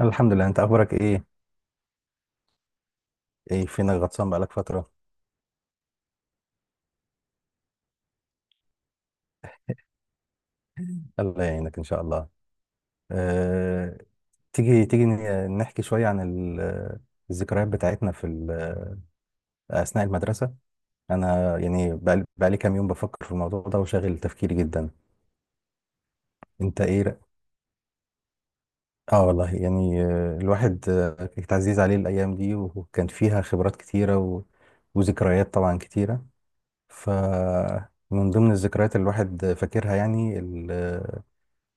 الحمد لله. انت اخبارك ايه؟ ايه فينك غطسان بقالك فتره؟ الله يعينك ان شاء الله. أه... تيجي نحكي شويه عن الذكريات بتاعتنا في اثناء المدرسه. انا يعني بقالي كام يوم بفكر في الموضوع ده، وشاغل تفكيري جدا. انت ايه رأ- اه والله يعني، الواحد كانت عزيز عليه الايام دي، وكان فيها خبرات كتيره وذكريات طبعا كتيره. ف من ضمن الذكريات اللي الواحد فاكرها يعني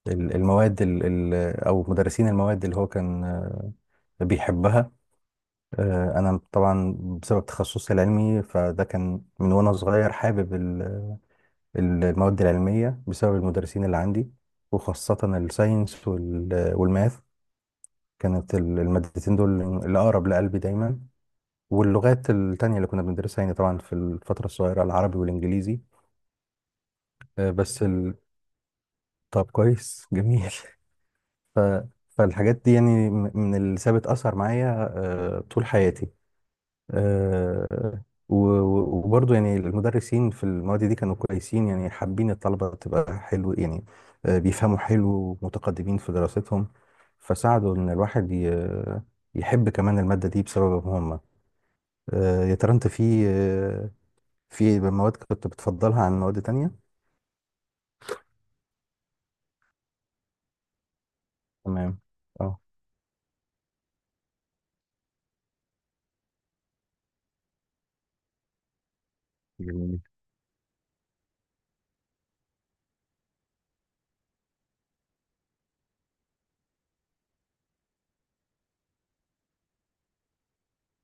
المواد او مدرسين المواد اللي هو كان بيحبها. انا طبعا بسبب تخصصي العلمي فده كان من وانا صغير حابب المواد العلميه بسبب المدرسين اللي عندي، وخاصه الساينس والماث. كانت المادتين دول اللي اقرب لقلبي دايما، واللغات التانية اللي كنا بندرسها يعني، طبعا في الفترة الصغيرة العربي والإنجليزي. آه، بس ال... طب كويس جميل. ف... فالحاجات دي يعني من اللي سابت أثر معايا طول حياتي. آه، وبرضه يعني المدرسين في المواد دي كانوا كويسين، يعني حابين الطلبة تبقى حلو يعني. بيفهموا حلو ومتقدمين في دراستهم، فساعدوا إن الواحد يحب كمان المادة دي بسببهم هم. يا ترى أنت في في مواد كنت بتفضلها عن مواد تانية؟ تمام. اه. جميل.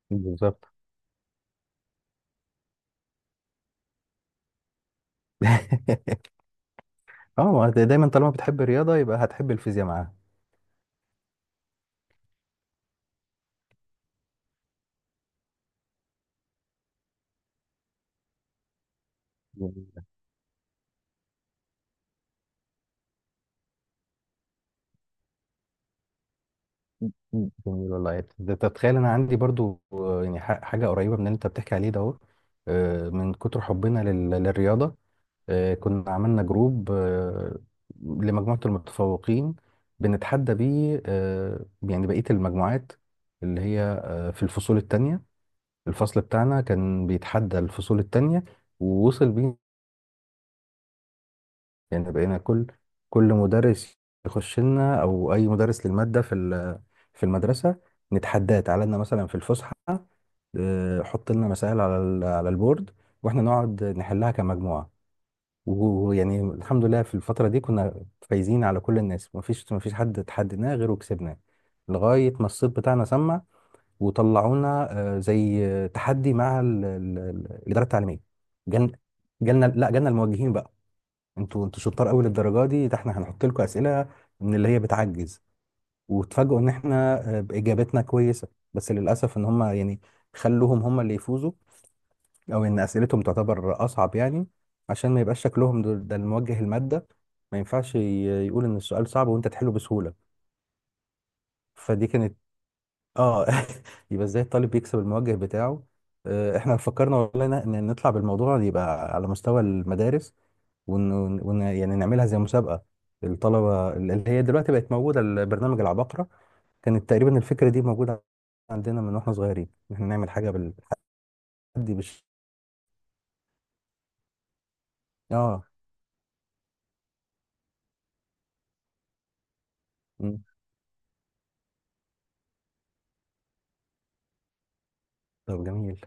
بالظبط. اه، ما أنت دايما طالما بتحب الرياضه يبقى هتحب الفيزياء معاها. جميل. جميل والله. ده تتخيل انا عندي برضو، يعني حاجه قريبه من اللي انت بتحكي عليه ده اهو. من كتر حبنا للرياضه، كنا عملنا جروب لمجموعه المتفوقين، بنتحدى بيه يعني بقيه المجموعات اللي هي في الفصول التانية. الفصل بتاعنا كان بيتحدى الفصول التانية، ووصل بيه يعني بقينا كل مدرس يخش لنا، او اي مدرس للماده في في المدرسه، نتحداه تعالى لنا مثلا في الفسحه. حط لنا مسائل على على البورد، واحنا نقعد نحلها كمجموعه. ويعني الحمد لله في الفتره دي كنا فايزين على كل الناس، مفيش حد اتحدناه غير وكسبناه، لغايه ما الصيت بتاعنا سمع وطلعونا زي تحدي مع الاداره التعليميه. جالنا، لا جالنا الموجهين بقى. انتوا شطار قوي للدرجه دي؟ ده احنا هنحط لكم اسئله من اللي هي بتعجز. وتفاجئوا ان احنا باجابتنا كويسه، بس للاسف ان هم يعني خلوهم هم اللي يفوزوا، او ان اسئلتهم تعتبر اصعب يعني عشان ما يبقاش شكلهم ده الموجه الماده ما ينفعش يقول ان السؤال صعب وانت تحله بسهوله. فدي كانت، اه يبقى ازاي الطالب يكسب الموجه بتاعه. احنا فكرنا والله ان نطلع بالموضوع يبقى على مستوى المدارس، ون... يعني نعملها زي مسابقة الطلبة، اللي هي دلوقتي بقت موجودة البرنامج العباقرة. كانت تقريبا الفكرة دي موجودة عندنا من واحنا صغيرين، إن احنا نعمل حاجة بالحد. بش اه. مم. طب جميل.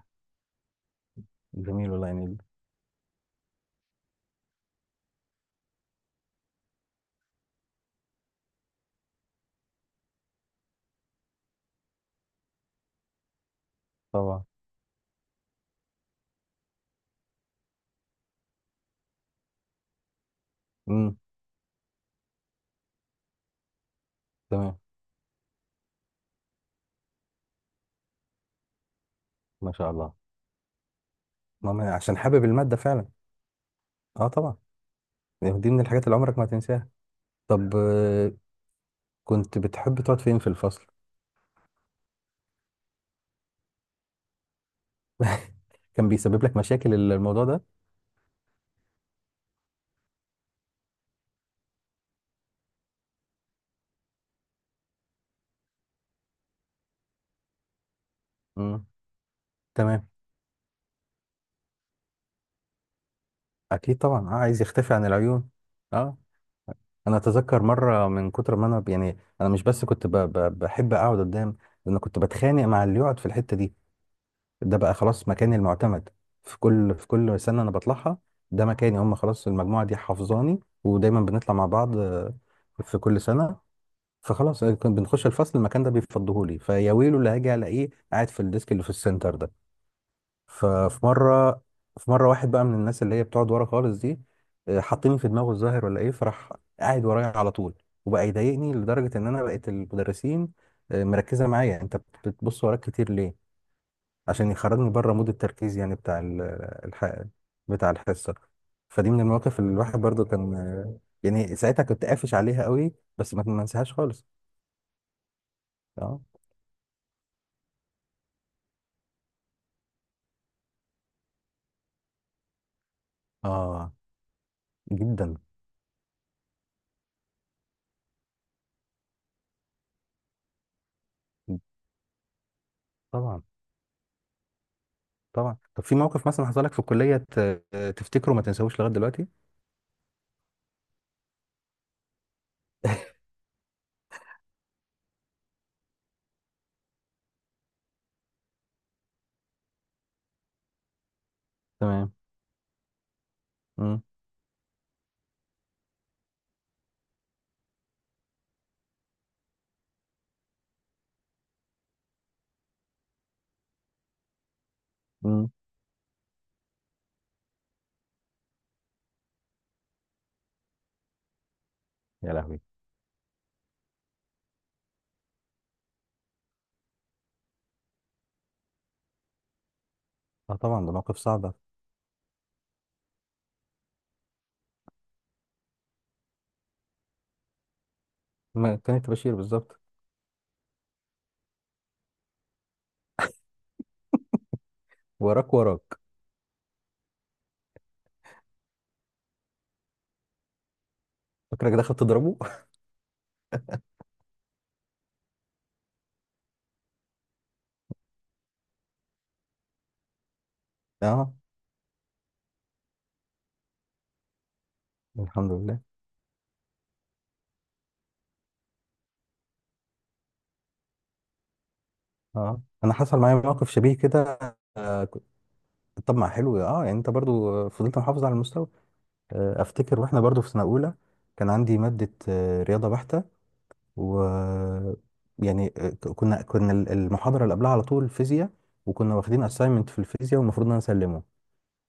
جميل والله يعني. طبعا. مم. تمام. ما شاء الله. ماما عشان حابب المادة فعلا. اه طبعا. يعني دي من الحاجات اللي عمرك ما هتنساها. طب كنت بتحب تقعد فين في الفصل؟ كان بيسبب لك مشاكل الموضوع ده؟ مم. تمام. اكيد طبعا. اه، عايز يختفي عن العيون. اه. انا اتذكر مره، من كتر ما انا يعني انا مش بس كنت بحب اقعد قدام، انا كنت بتخانق مع اللي يقعد في الحته دي. ده بقى خلاص مكاني المعتمد في كل سنه انا بطلعها. ده مكاني هم، خلاص المجموعه دي حافظاني ودايما بنطلع مع بعض في كل سنه. فخلاص كنا بنخش الفصل، المكان ده بيفضهولي فيا، ويلو اللي هاجي الاقيه قاعد في الديسك اللي في السنتر ده. ففي مره في مره واحد بقى من الناس اللي هي بتقعد ورا خالص دي، حاطيني في دماغه الظاهر ولا ايه، فراح قاعد ورايا على طول، وبقى يضايقني لدرجه ان انا بقيت المدرسين مركزه معايا: انت بتبص وراك كتير ليه؟ عشان يخرجني بره مود التركيز يعني بتاع الح... بتاع الحصه. فدي من المواقف اللي الواحد برضو كان يعني ساعتها كنت قافش عليها قوي، بس ما انساهاش خالص. اه. اه. جدا. طبعا. طبعا. طب في موقف مثلا حصل لك في الكلية تفتكره ما تنساهوش لغاية دلوقتي؟ تمام. مم. مم. يا لهوي. اه طبعا ده موقف صعب. ما كانت بشير بالظبط. وراك. فاكرك دخلت تضربه؟ اه. الحمد لله. اه انا حصل معايا موقف شبيه كده. آه كنت- طب ما حلو، اه يعني انت برضو فضلت محافظ على المستوى. آه افتكر واحنا برضو في سنة اولى كان عندي مادة آه رياضة بحتة، و يعني كنا المحاضرة اللي قبلها على طول فيزياء، وكنا واخدين assignment في الفيزياء والمفروض ان انا اسلمه،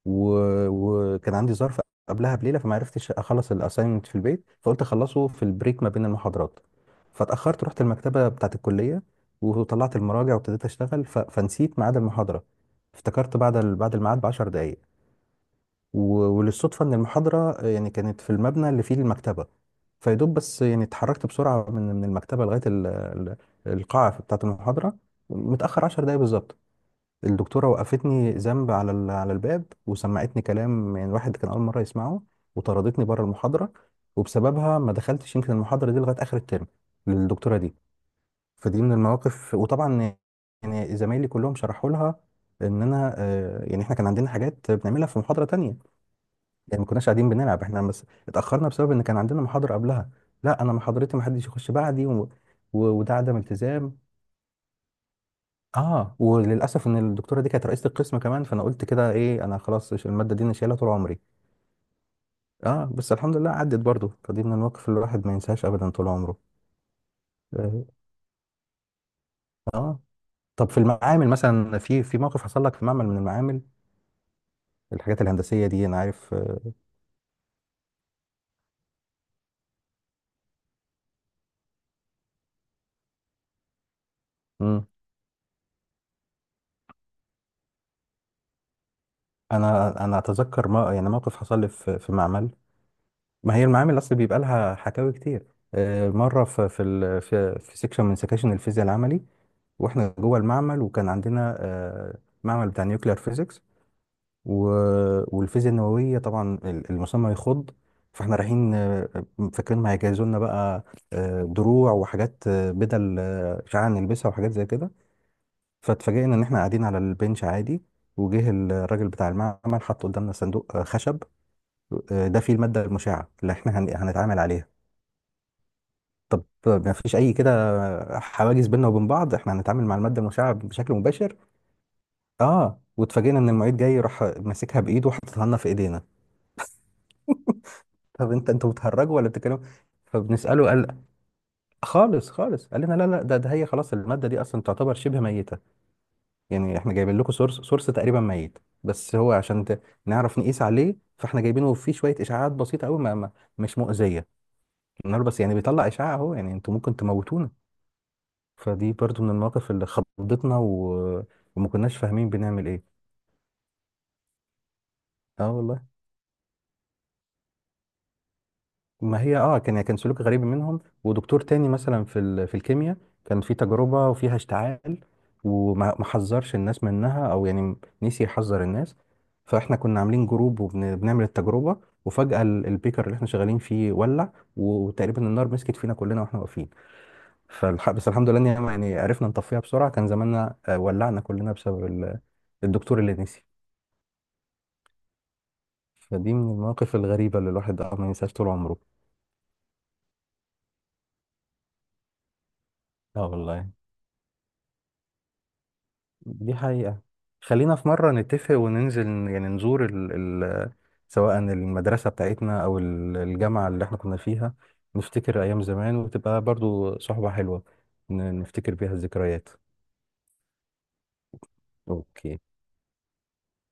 و... وكان عندي ظرف قبلها بليلة، فما عرفتش اخلص الاساينمنت في البيت، فقلت اخلصه في البريك ما بين المحاضرات. فاتأخرت، رحت المكتبة بتاعة الكلية وطلعت المراجع وابتديت اشتغل، فنسيت ميعاد المحاضرة. افتكرت بعد بعد الميعاد ب 10 دقايق. وللصدفة إن المحاضرة يعني كانت في المبنى اللي فيه المكتبة، فيدوب بس يعني اتحركت بسرعة من المكتبة لغاية القاعة بتاعة المحاضرة. متأخر عشر دقايق بالظبط. الدكتورة وقفتني ذنب على على الباب، وسمعتني كلام يعني الواحد كان أول مرة يسمعه، وطردتني بره المحاضرة. وبسببها ما دخلتش يمكن المحاضرة دي لغاية آخر الترم للدكتورة دي. فدي من المواقف. وطبعا يعني زمايلي كلهم شرحوا لها ان انا يعني احنا كان عندنا حاجات بنعملها في محاضرة تانية، يعني ما كناش قاعدين بنلعب احنا بس، اتاخرنا بسبب ان كان عندنا محاضره قبلها. لا، انا محاضرتي ما حدش يخش بعدي، وده عدم التزام. اه، وللاسف ان الدكتوره دي كانت رئيسه القسم كمان، فانا قلت كده ايه، انا خلاص الماده دي انا شايلها طول عمري. اه، بس الحمد لله عدت برضو. فدي من المواقف اللي الواحد ما ينساهاش ابدا طول عمره. اه. آه. طب في المعامل مثلا، في في موقف حصل لك في معمل من المعامل، الحاجات الهندسيه دي، انا عارف مم. انا انا اتذكر ما يعني موقف حصل لي في معمل. ما هي المعامل اصل بيبقى لها حكاوي كتير. مره في في في سيكشن من سكاشن الفيزياء العملي، واحنا جوه المعمل، وكان عندنا معمل بتاع نيوكلير فيزيكس. والفيزياء النوويه طبعا المسمى يخض. فاحنا رايحين فاكرين ما هيجهزوا لنا بقى دروع وحاجات بدل اشعاع، نلبسها وحاجات زي كده. فاتفاجئنا ان احنا قاعدين على البنش عادي، وجه الراجل بتاع المعمل حط قدامنا صندوق خشب، ده فيه الماده المشعه اللي احنا هنتعامل عليها. ما فيش اي كده حواجز بيننا وبين بعض، احنا هنتعامل مع الماده المشعه بشكل مباشر. اه، واتفاجئنا ان المعيد جاي راح ماسكها بايده وحاططها لنا في ايدينا. طب انت انتوا بتهرجوا ولا بتتكلموا؟ فبنساله، قال خالص خالص، قال لنا لا لا ده ده هي خلاص الماده دي اصلا تعتبر شبه ميته. يعني احنا جايبين لكم سورس تقريبا ميت، بس هو عشان نعرف نقيس عليه فاحنا جايبينه، فيه شويه اشعاعات بسيطه قوي، ما ما مش مؤذيه. النهار بس يعني بيطلع اشعاع اهو، يعني انتوا ممكن تموتونا. فدي برضو من المواقف اللي خضتنا، وما كناش فاهمين بنعمل ايه. اه والله. ما هي اه كان يعني كان سلوك غريب منهم. ودكتور تاني مثلا في في الكيمياء، كان في تجربة وفيها اشتعال، وما ما حذرش الناس منها، او يعني نسي يحذر الناس. فاحنا كنا عاملين جروب وبنعمل التجربة، وفجأة البيكر اللي احنا شغالين فيه ولع، وتقريبا النار مسكت فينا كلنا واحنا واقفين. بس الحمد لله إن يعني عرفنا نطفيها بسرعة، كان زماننا ولعنا كلنا بسبب الدكتور اللي نسي. فدي من المواقف الغريبة اللي الواحد اه ما ينساش طول عمره. اه والله، دي حقيقة. خلينا في مرة نتفق وننزل يعني نزور ال ال سواء المدرسة بتاعتنا أو الجامعة اللي احنا كنا فيها، نفتكر أيام زمان، وتبقى برضو صحبة حلوة، نفتكر بيها الذكريات. اوكي.